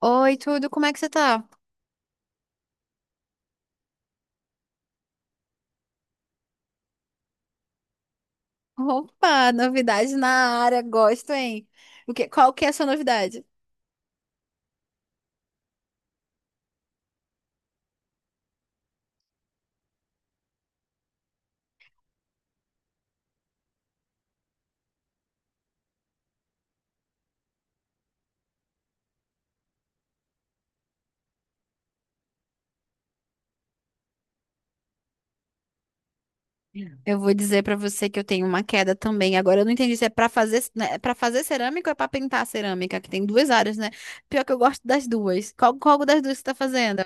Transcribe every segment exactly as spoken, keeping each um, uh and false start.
Oi, tudo, como é que você tá? Opa, novidade na área, gosto, hein? O que, qual que é a sua novidade? Eu vou dizer pra você que eu tenho uma queda também. Agora eu não entendi se é pra fazer, né, para fazer cerâmica ou é pra pintar cerâmica, que tem duas áreas, né? Pior que eu gosto das duas. Qual, qual das duas você tá fazendo?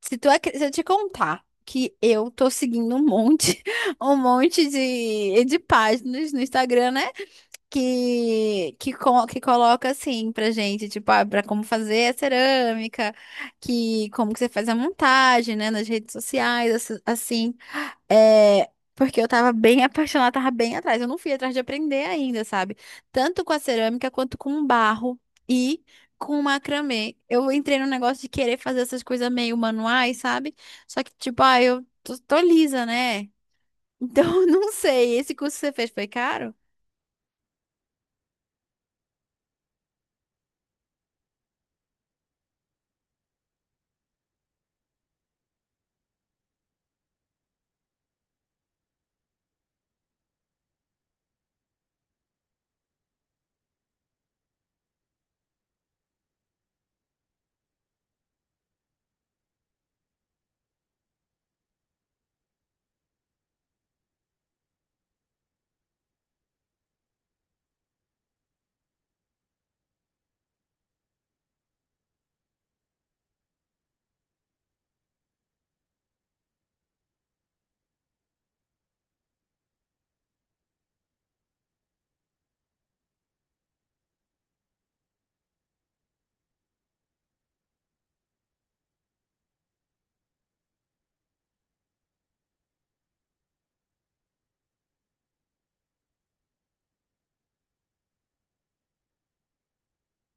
Se tu acre- se eu te contar que eu tô seguindo um monte, um monte de, de páginas no Instagram, né? que, que, co- que coloca assim pra gente, tipo, ah, pra como fazer a cerâmica, que como que você faz a montagem, né, nas redes sociais, assi- assim, é, porque eu tava bem apaixonada, tava bem atrás, eu não fui atrás de aprender ainda, sabe? Tanto com a cerâmica quanto com barro e com macramê. Eu entrei no negócio de querer fazer essas coisas meio manuais, sabe? Só que, tipo, ah, eu tô, tô lisa, né? Então, eu não sei, esse curso que você fez foi caro?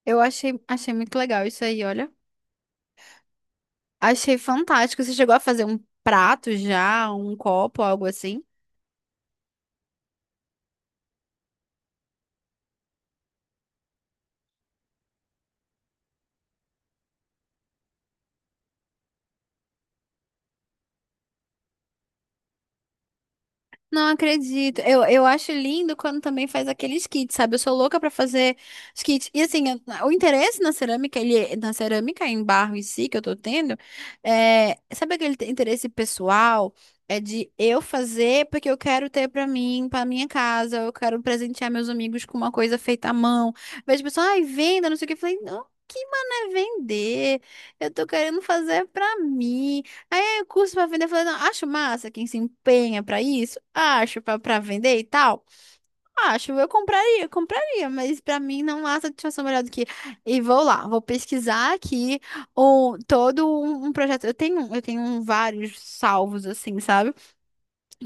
Eu achei, achei muito legal isso aí, olha. Achei fantástico. Você chegou a fazer um prato já, um copo, algo assim? Não acredito. Eu, eu acho lindo quando também faz aqueles kits, sabe? Eu sou louca pra fazer os kits. E assim, eu- o interesse na cerâmica, ele, na cerâmica em barro em si que eu tô tendo, é, sabe aquele te- interesse pessoal? É de eu fazer porque eu quero ter pra mim, pra minha casa, eu quero presentear meus amigos com uma coisa feita à mão. Vejo pessoal, ai, venda, não sei o que. Eu falei, não, que mano é vender? Eu tô querendo fazer pra mim curso para vender, eu falei, não, acho massa quem se empenha para isso, acho para para vender e tal. Acho, eu compraria, compraria, mas para mim não há satisfação melhor do que e vou lá, vou pesquisar aqui o todo um, um projeto. Eu tenho, eu tenho vários salvos assim, sabe?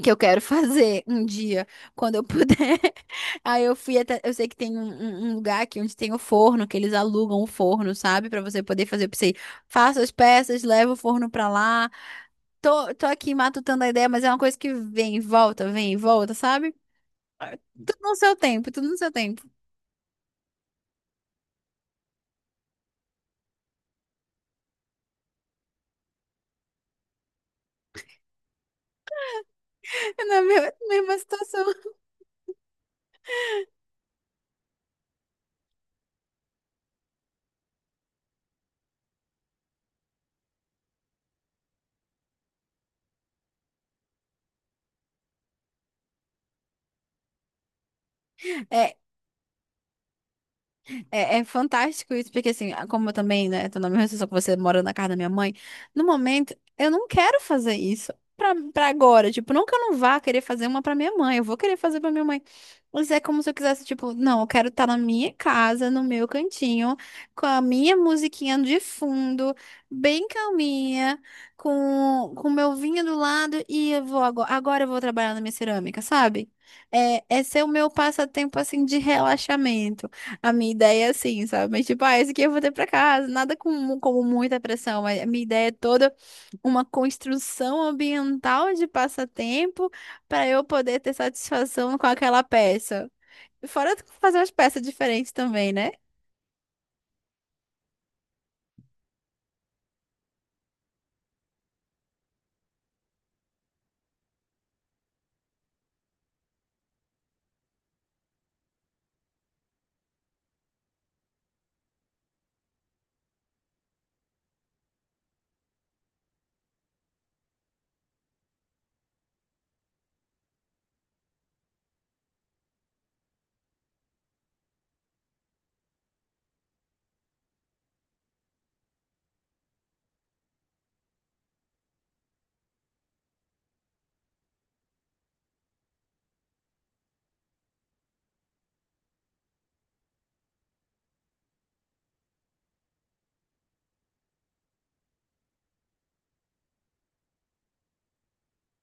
Que eu quero fazer um dia quando eu puder. Aí eu fui até, eu sei que tem um, um- um lugar aqui onde tem o forno, que eles alugam o forno, sabe? Para você poder fazer, eu pensei, faço as peças, levo o forno para lá. Tô, tô aqui matutando a ideia, mas é uma coisa que vem e volta, vem e volta, sabe? Tudo no seu tempo, tudo no seu tempo. Na mesma, mesma situação. É, É, é fantástico isso, porque assim, como eu também, né, tô na mesma situação que você, morando na casa da minha mãe, no momento, eu não quero fazer isso pra, pra agora. Tipo, não que eu não vá querer fazer uma pra minha mãe, eu vou querer fazer pra minha mãe. Mas é como se eu quisesse, tipo, não, eu quero estar na minha casa, no meu cantinho, com a minha musiquinha de fundo, bem calminha, com com o meu vinho do lado, e eu vou agora, agora eu vou trabalhar na minha cerâmica, sabe? É, esse é o meu passatempo, assim, de relaxamento. A minha ideia é assim, sabe? Mas tipo, ah, esse aqui eu vou ter pra casa. Nada com, como muita pressão. mas A minha ideia é toda uma construção ambiental de passatempo para eu poder ter satisfação com aquela peça. Fora fazer umas peças diferentes também, né?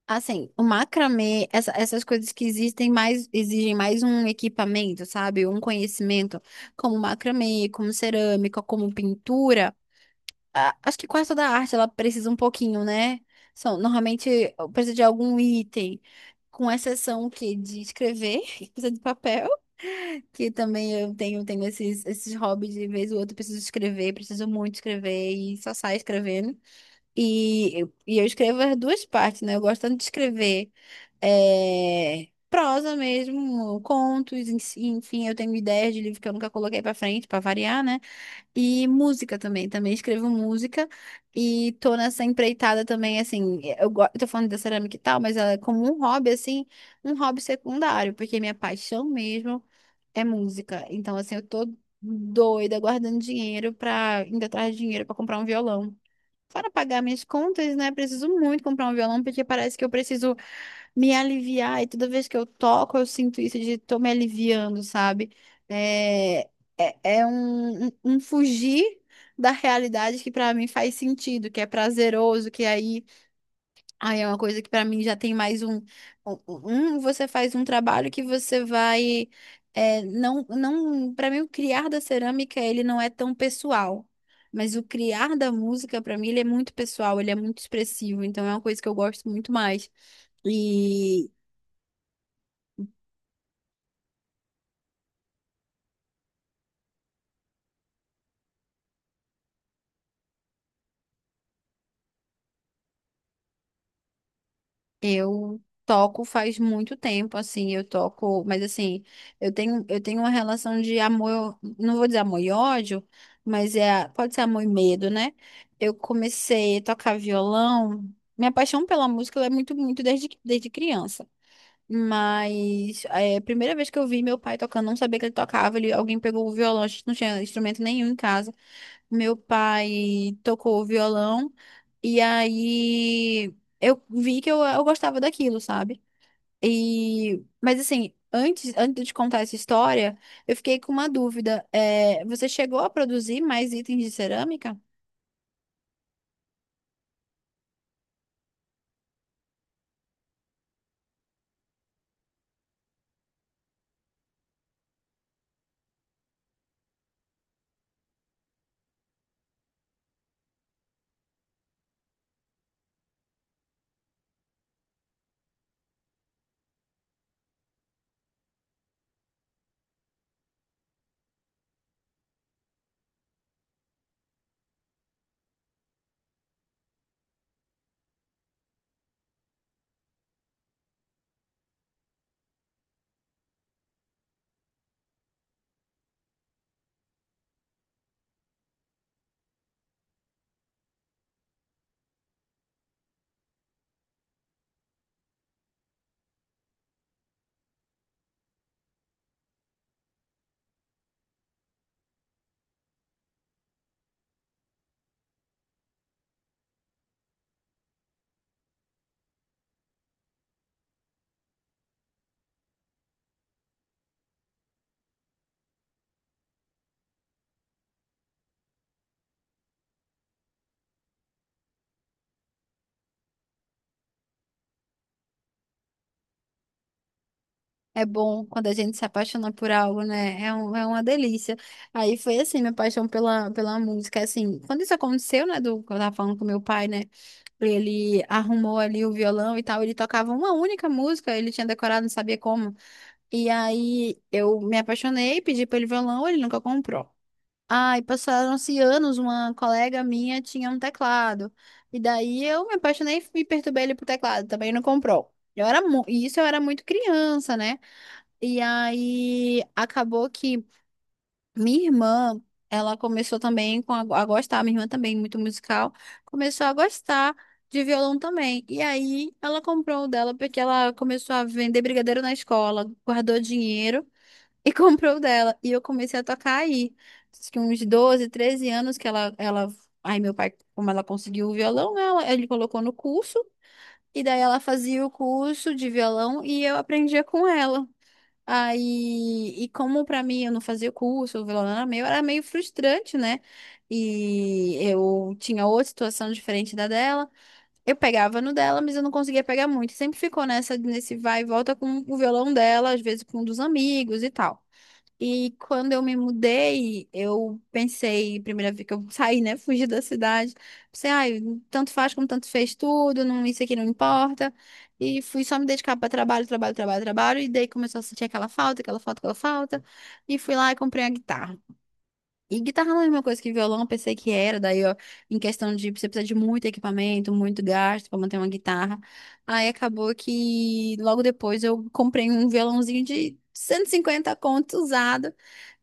Assim, o macramê, essa- essas coisas que existem mais, exigem mais um equipamento, sabe? Um conhecimento, como macramê, como cerâmica, como pintura. a- Acho que quase toda arte ela precisa um pouquinho, né? São, normalmente precisa de algum item, com exceção que de escrever, que precisa de papel, que também eu tenho, tenho esses, esses hobbies de vez ou outra, preciso escrever, preciso muito escrever e só saio escrevendo. E, eu- e eu escrevo as duas partes, né? Eu gosto tanto de escrever é, prosa mesmo, contos, ens- enfim, eu tenho ideias de livro que eu nunca coloquei pra frente, pra variar, né? E música também, também escrevo música e tô nessa empreitada também, assim, eu, go- eu tô falando da cerâmica e tal, mas ela é como um hobby, assim, um hobby secundário, porque minha paixão mesmo é música. Então, assim, eu tô doida guardando dinheiro pra, indo atrás de dinheiro pra comprar um violão. Para pagar minhas contas, né? Preciso muito comprar um violão, porque parece que eu preciso me aliviar. E toda vez que eu toco, eu sinto isso de tô me aliviando, sabe? É, é, é um, um um fugir da realidade que para mim faz sentido, que é prazeroso, que aí Aí é uma coisa que pra mim já tem mais um, um, um- você faz um trabalho que você vai, é, não, não, para mim o criar da cerâmica ele não é tão pessoal, mas o criar da música pra mim ele é muito pessoal, ele é muito expressivo, então é uma coisa que eu gosto muito mais. Eu toco faz muito tempo, assim, eu toco, mas assim, eu tenho, eu tenho uma relação de amor, não vou dizer amor e ódio, mas é, pode ser amor e medo, né? Eu comecei a tocar violão, minha paixão pela música ela é muito, muito desde, desde criança. Mas é, a primeira vez que eu vi meu pai tocando, não sabia que ele tocava, ele, alguém pegou o violão, a gente não tinha instrumento nenhum em casa. Meu pai tocou o violão e aí eu vi que eu, eu gostava daquilo, sabe? E mas assim, antes, antes de contar essa história, eu fiquei com uma dúvida. É, você chegou a produzir mais itens de cerâmica? É bom quando a gente se apaixona por algo, né? É, um- é uma delícia. Aí foi assim, minha paixão pela, pela música. Assim, quando isso aconteceu, né? Do que eu tava falando com meu pai, né? Ele arrumou ali o violão e tal. Ele tocava uma única música, ele tinha decorado, não sabia como. E aí eu me apaixonei, pedi pra ele violão, ele nunca comprou. Ai, passaram-se anos, uma colega minha tinha um teclado. E daí eu me apaixonei e perturbei ele pro teclado, também não comprou. Eu era, mu- e isso eu era muito criança, né? E aí acabou que minha irmã, ela começou também com a, a gostar, minha irmã também muito musical, começou a gostar de violão também. E aí ela comprou o dela porque ela começou a vender brigadeiro na escola, guardou dinheiro e comprou o dela. E eu comecei a tocar aí. Acho que uns doze treze anos que ela, ela... Aí meu pai, como ela conseguiu o violão, ela, ele colocou no curso. E daí ela fazia o curso de violão e eu aprendia com ela. Aí, e como pra mim eu não fazia o curso, o violão era meu, era meio frustrante, né? E eu tinha outra situação diferente da dela. Eu pegava no dela, mas eu não conseguia pegar muito. Sempre ficou nessa, nesse vai e volta com o violão dela, às vezes com um dos amigos e tal. E quando eu me mudei, eu pensei, primeira vez que eu saí, né, fugi da cidade, pensei, ai, tanto faz como tanto fez tudo, não, isso aqui não importa. E fui só me dedicar para trabalho, trabalho, trabalho, trabalho, e daí começou a sentir aquela falta, aquela falta, aquela falta, e fui lá e comprei a guitarra. E guitarra não é a mesma coisa que violão, eu pensei que era, daí ó, em questão de você precisa de muito equipamento, muito gasto para manter uma guitarra. Aí acabou que logo depois eu comprei um violãozinho de cento e cinquenta conto usado.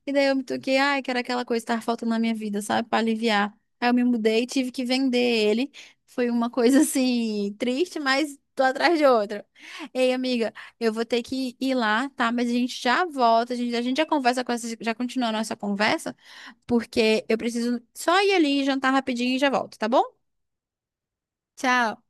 E daí eu me toquei, ai, que era aquela coisa que tava faltando na minha vida, sabe? Pra aliviar. Aí eu me mudei, e tive que vender ele. Foi uma coisa assim, triste, mas tô atrás de outra. Ei, amiga, eu vou ter que ir lá, tá? Mas a gente já volta, a gente, a gente já conversa com essa, já continua a nossa conversa, porque eu preciso só ir ali, jantar rapidinho e já volto, tá bom? Tchau.